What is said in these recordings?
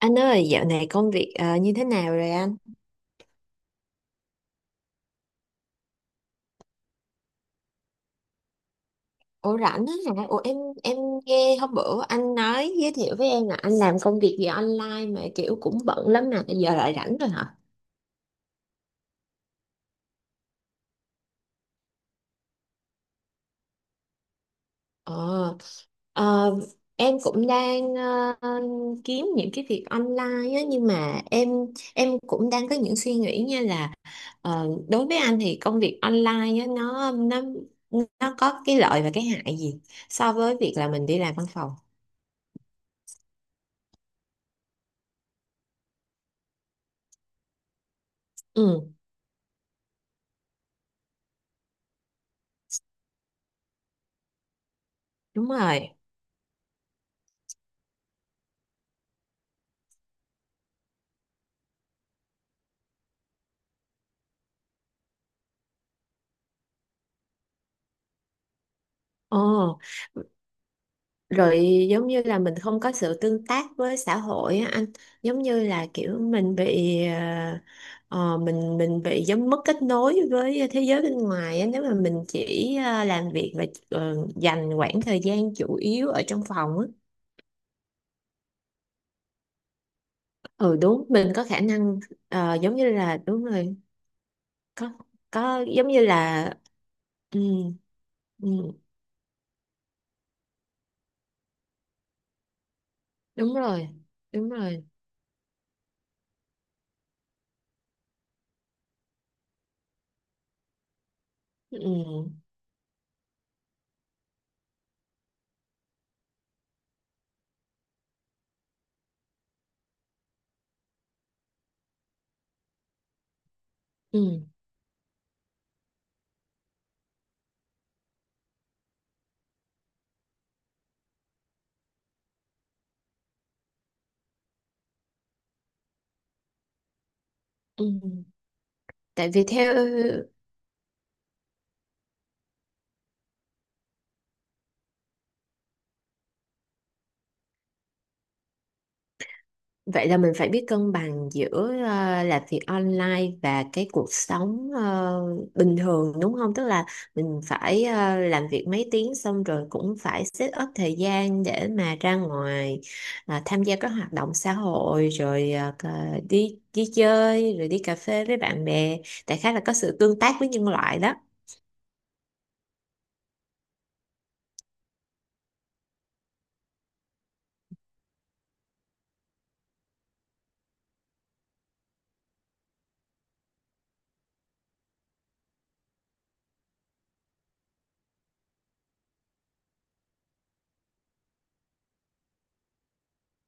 Anh ơi, dạo này công việc như thế nào rồi anh? Ủa rảnh á hả? Ủa em nghe hôm bữa anh nói giới thiệu với em là anh làm công việc gì online mà kiểu cũng bận lắm mà giờ lại rảnh rồi hả? Ờ, ờ, em cũng đang kiếm những cái việc online á nhưng mà em cũng đang có những suy nghĩ như là đối với anh thì công việc online á nó có cái lợi và cái hại gì so với việc là mình đi làm văn phòng? Ừ, đúng rồi. Ồ, rồi giống như là mình không có sự tương tác với xã hội á anh, giống như là kiểu mình bị mình bị giống mất kết nối với thế giới bên ngoài á, nếu mà mình chỉ làm việc và dành khoảng thời gian chủ yếu ở trong phòng á. Ừ đúng, mình có khả năng giống như là đúng rồi, có có giống như là ừ, ừ, đúng rồi, đúng rồi. Ừ, ừ, ừ. ừ. Tại vì theo vậy là mình phải biết cân bằng giữa làm việc online và cái cuộc sống bình thường đúng không? Tức là mình phải làm việc mấy tiếng xong rồi cũng phải set up thời gian để mà ra ngoài, à, tham gia các hoạt động xã hội rồi đi đi chơi rồi đi cà phê với bạn bè. Đại khái là có sự tương tác với nhân loại đó.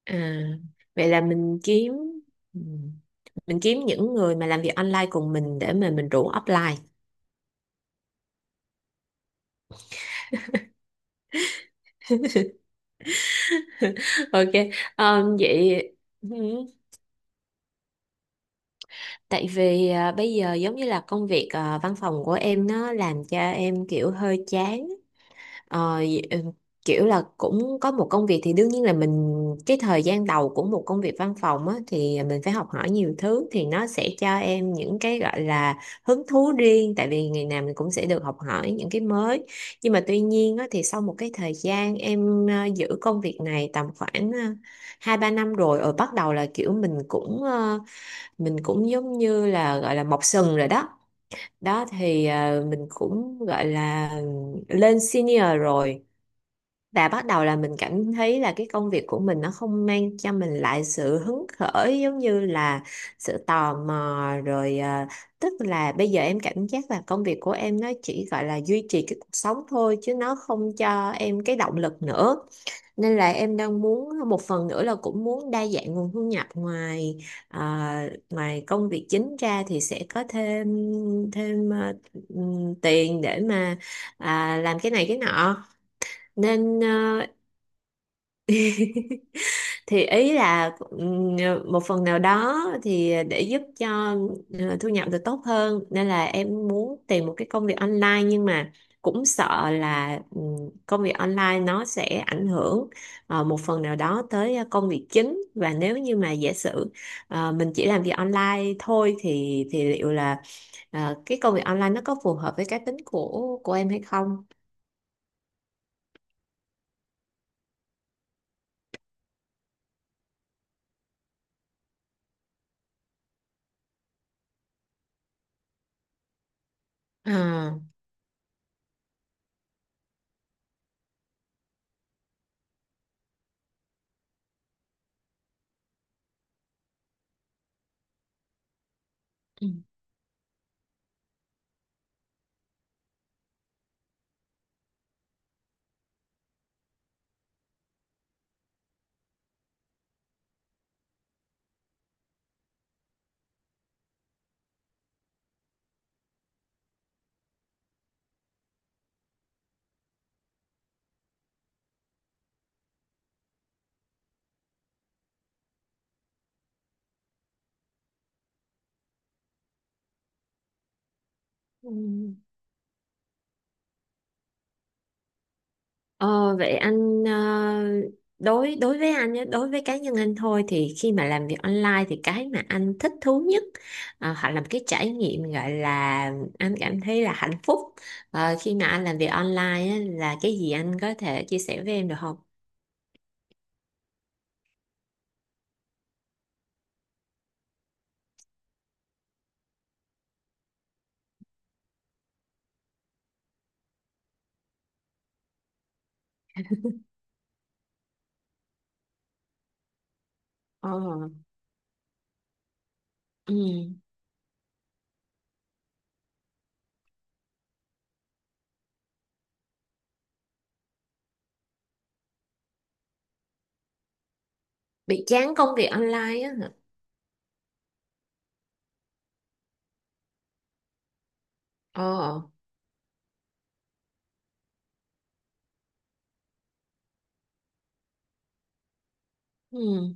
À, vậy là mình kiếm, ừ, mình kiếm những người mà làm việc online cùng mình để mà mình rủ offline. Ok, vậy ừ, tại vì à, bây giờ giống như là công việc à, văn phòng của em nó làm cho em kiểu hơi chán. Ờ, kiểu là cũng có một công việc thì đương nhiên là mình, cái thời gian đầu của một công việc văn phòng á, thì mình phải học hỏi nhiều thứ thì nó sẽ cho em những cái gọi là hứng thú riêng tại vì ngày nào mình cũng sẽ được học hỏi những cái mới, nhưng mà tuy nhiên á, thì sau một cái thời gian em giữ công việc này tầm khoảng hai ba năm rồi rồi bắt đầu là kiểu mình cũng mình cũng giống như là gọi là mọc sừng rồi đó, đó thì mình cũng gọi là lên senior rồi, và bắt đầu là mình cảm thấy là cái công việc của mình nó không mang cho mình lại sự hứng khởi giống như là sự tò mò rồi à, tức là bây giờ em cảm giác là công việc của em nó chỉ gọi là duy trì cái cuộc sống thôi chứ nó không cho em cái động lực nữa, nên là em đang muốn một phần nữa là cũng muốn đa dạng nguồn thu nhập ngoài, à, ngoài công việc chính ra thì sẽ có thêm thêm à, tiền để mà à, làm cái này cái nọ, nên ờ, thì ý là một phần nào đó thì để giúp cho thu nhập được tốt hơn nên là em muốn tìm một cái công việc online nhưng mà cũng sợ là công việc online nó sẽ ảnh hưởng một phần nào đó tới công việc chính, và nếu như mà giả sử mình chỉ làm việc online thôi thì liệu là cái công việc online nó có phù hợp với cá tính của em hay không? À. Ừ. Ờ, vậy anh ờ, đối đối với anh nhé, đối với cá nhân anh thôi thì khi mà làm việc online thì cái mà anh thích thú nhất hoặc là một cái trải nghiệm gọi là anh cảm thấy là hạnh phúc khi mà anh làm việc online á, là cái gì anh có thể chia sẻ với em được không? Ờ, ừ. Bị chán công việc online á hả? Ờ. Ừ.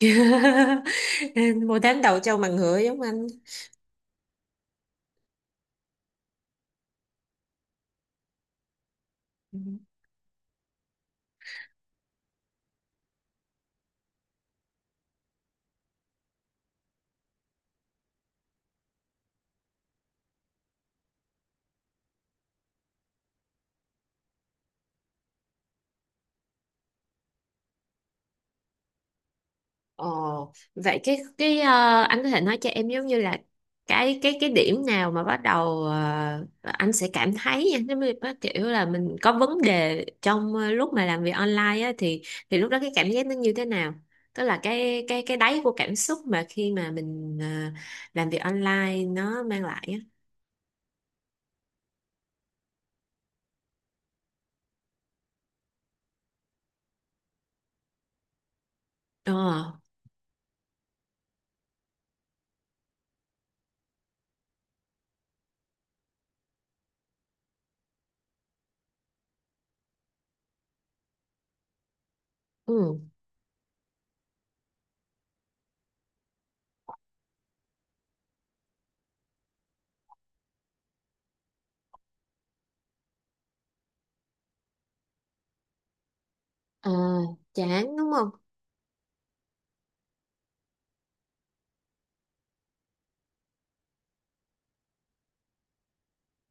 Một tháng đầu trâu mà ngựa giống anh. Ồ, vậy cái anh có thể nói cho em giống như là cái điểm nào mà bắt đầu anh sẽ cảm thấy nha, giống như bắt kiểu là mình có vấn đề trong lúc mà làm việc online á thì lúc đó cái cảm giác nó như thế nào? Tức là cái đáy của cảm xúc mà khi mà mình làm việc online nó mang lại á. Ờ, ừ, ờ, chán đúng không?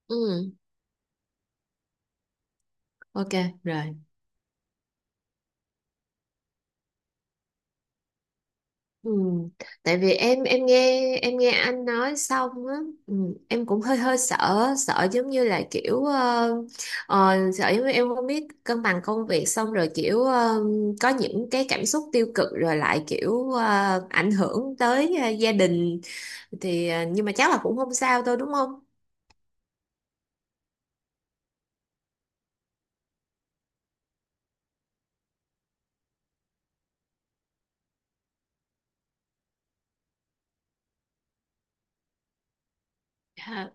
Ừ, ok rồi. Ừ. Tại vì em nghe em nghe anh nói xong á, ừ. Em cũng hơi hơi sợ, sợ giống như là kiểu sợ giống như em không biết cân bằng công việc xong rồi kiểu có những cái cảm xúc tiêu cực rồi lại kiểu ảnh hưởng tới gia đình, thì nhưng mà chắc là cũng không sao thôi đúng không? Dạ.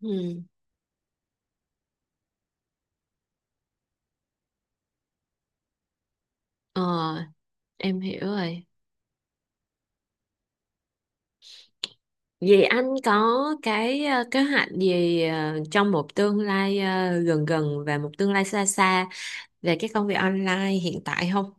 Ừ. Ờ, em hiểu rồi. Vậy anh có cái kế hoạch gì trong một tương lai gần gần và một tương lai xa xa về cái công việc online hiện tại không?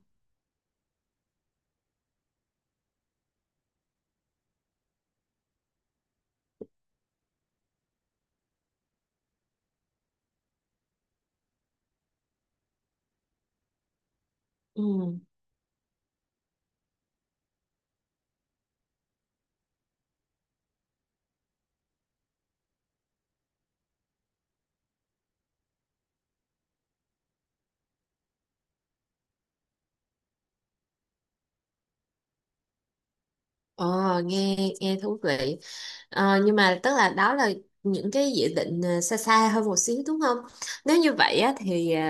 Ừ. Ờ, nghe nghe thú vị. Ờ, nhưng mà tức là đó là những cái dự định xa xa hơn một xíu đúng không? Nếu như vậy á, thì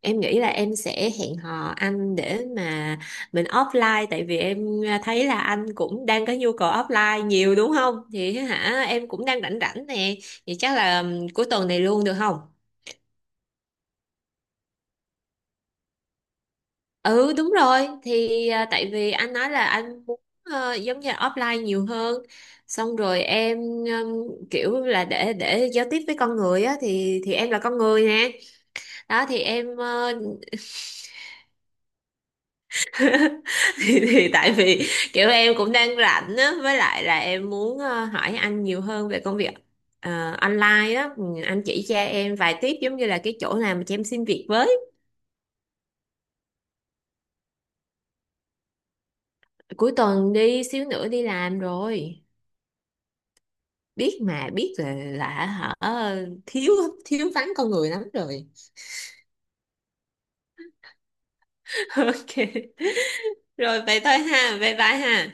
em nghĩ là em sẽ hẹn hò anh để mà mình offline tại vì em thấy là anh cũng đang có nhu cầu offline nhiều đúng không? Thì hả em cũng đang rảnh rảnh nè. Vậy chắc là cuối tuần này luôn được không? Ừ đúng rồi, thì à, tại vì anh nói là anh muốn giống như là offline nhiều hơn, xong rồi em kiểu là để giao tiếp với con người á thì em là con người nè, đó thì em ờ, thì tại vì kiểu em cũng đang rảnh á với lại là em muốn hỏi anh nhiều hơn về công việc online á. Ừ, anh chỉ cho em vài tiếp giống như là cái chỗ nào mà cho em xin việc với cuối tuần đi xíu nữa đi làm rồi, biết mà biết là hả, thiếu thiếu vắng con người lắm rồi. Ok rồi vậy thôi ha, bye bye ha.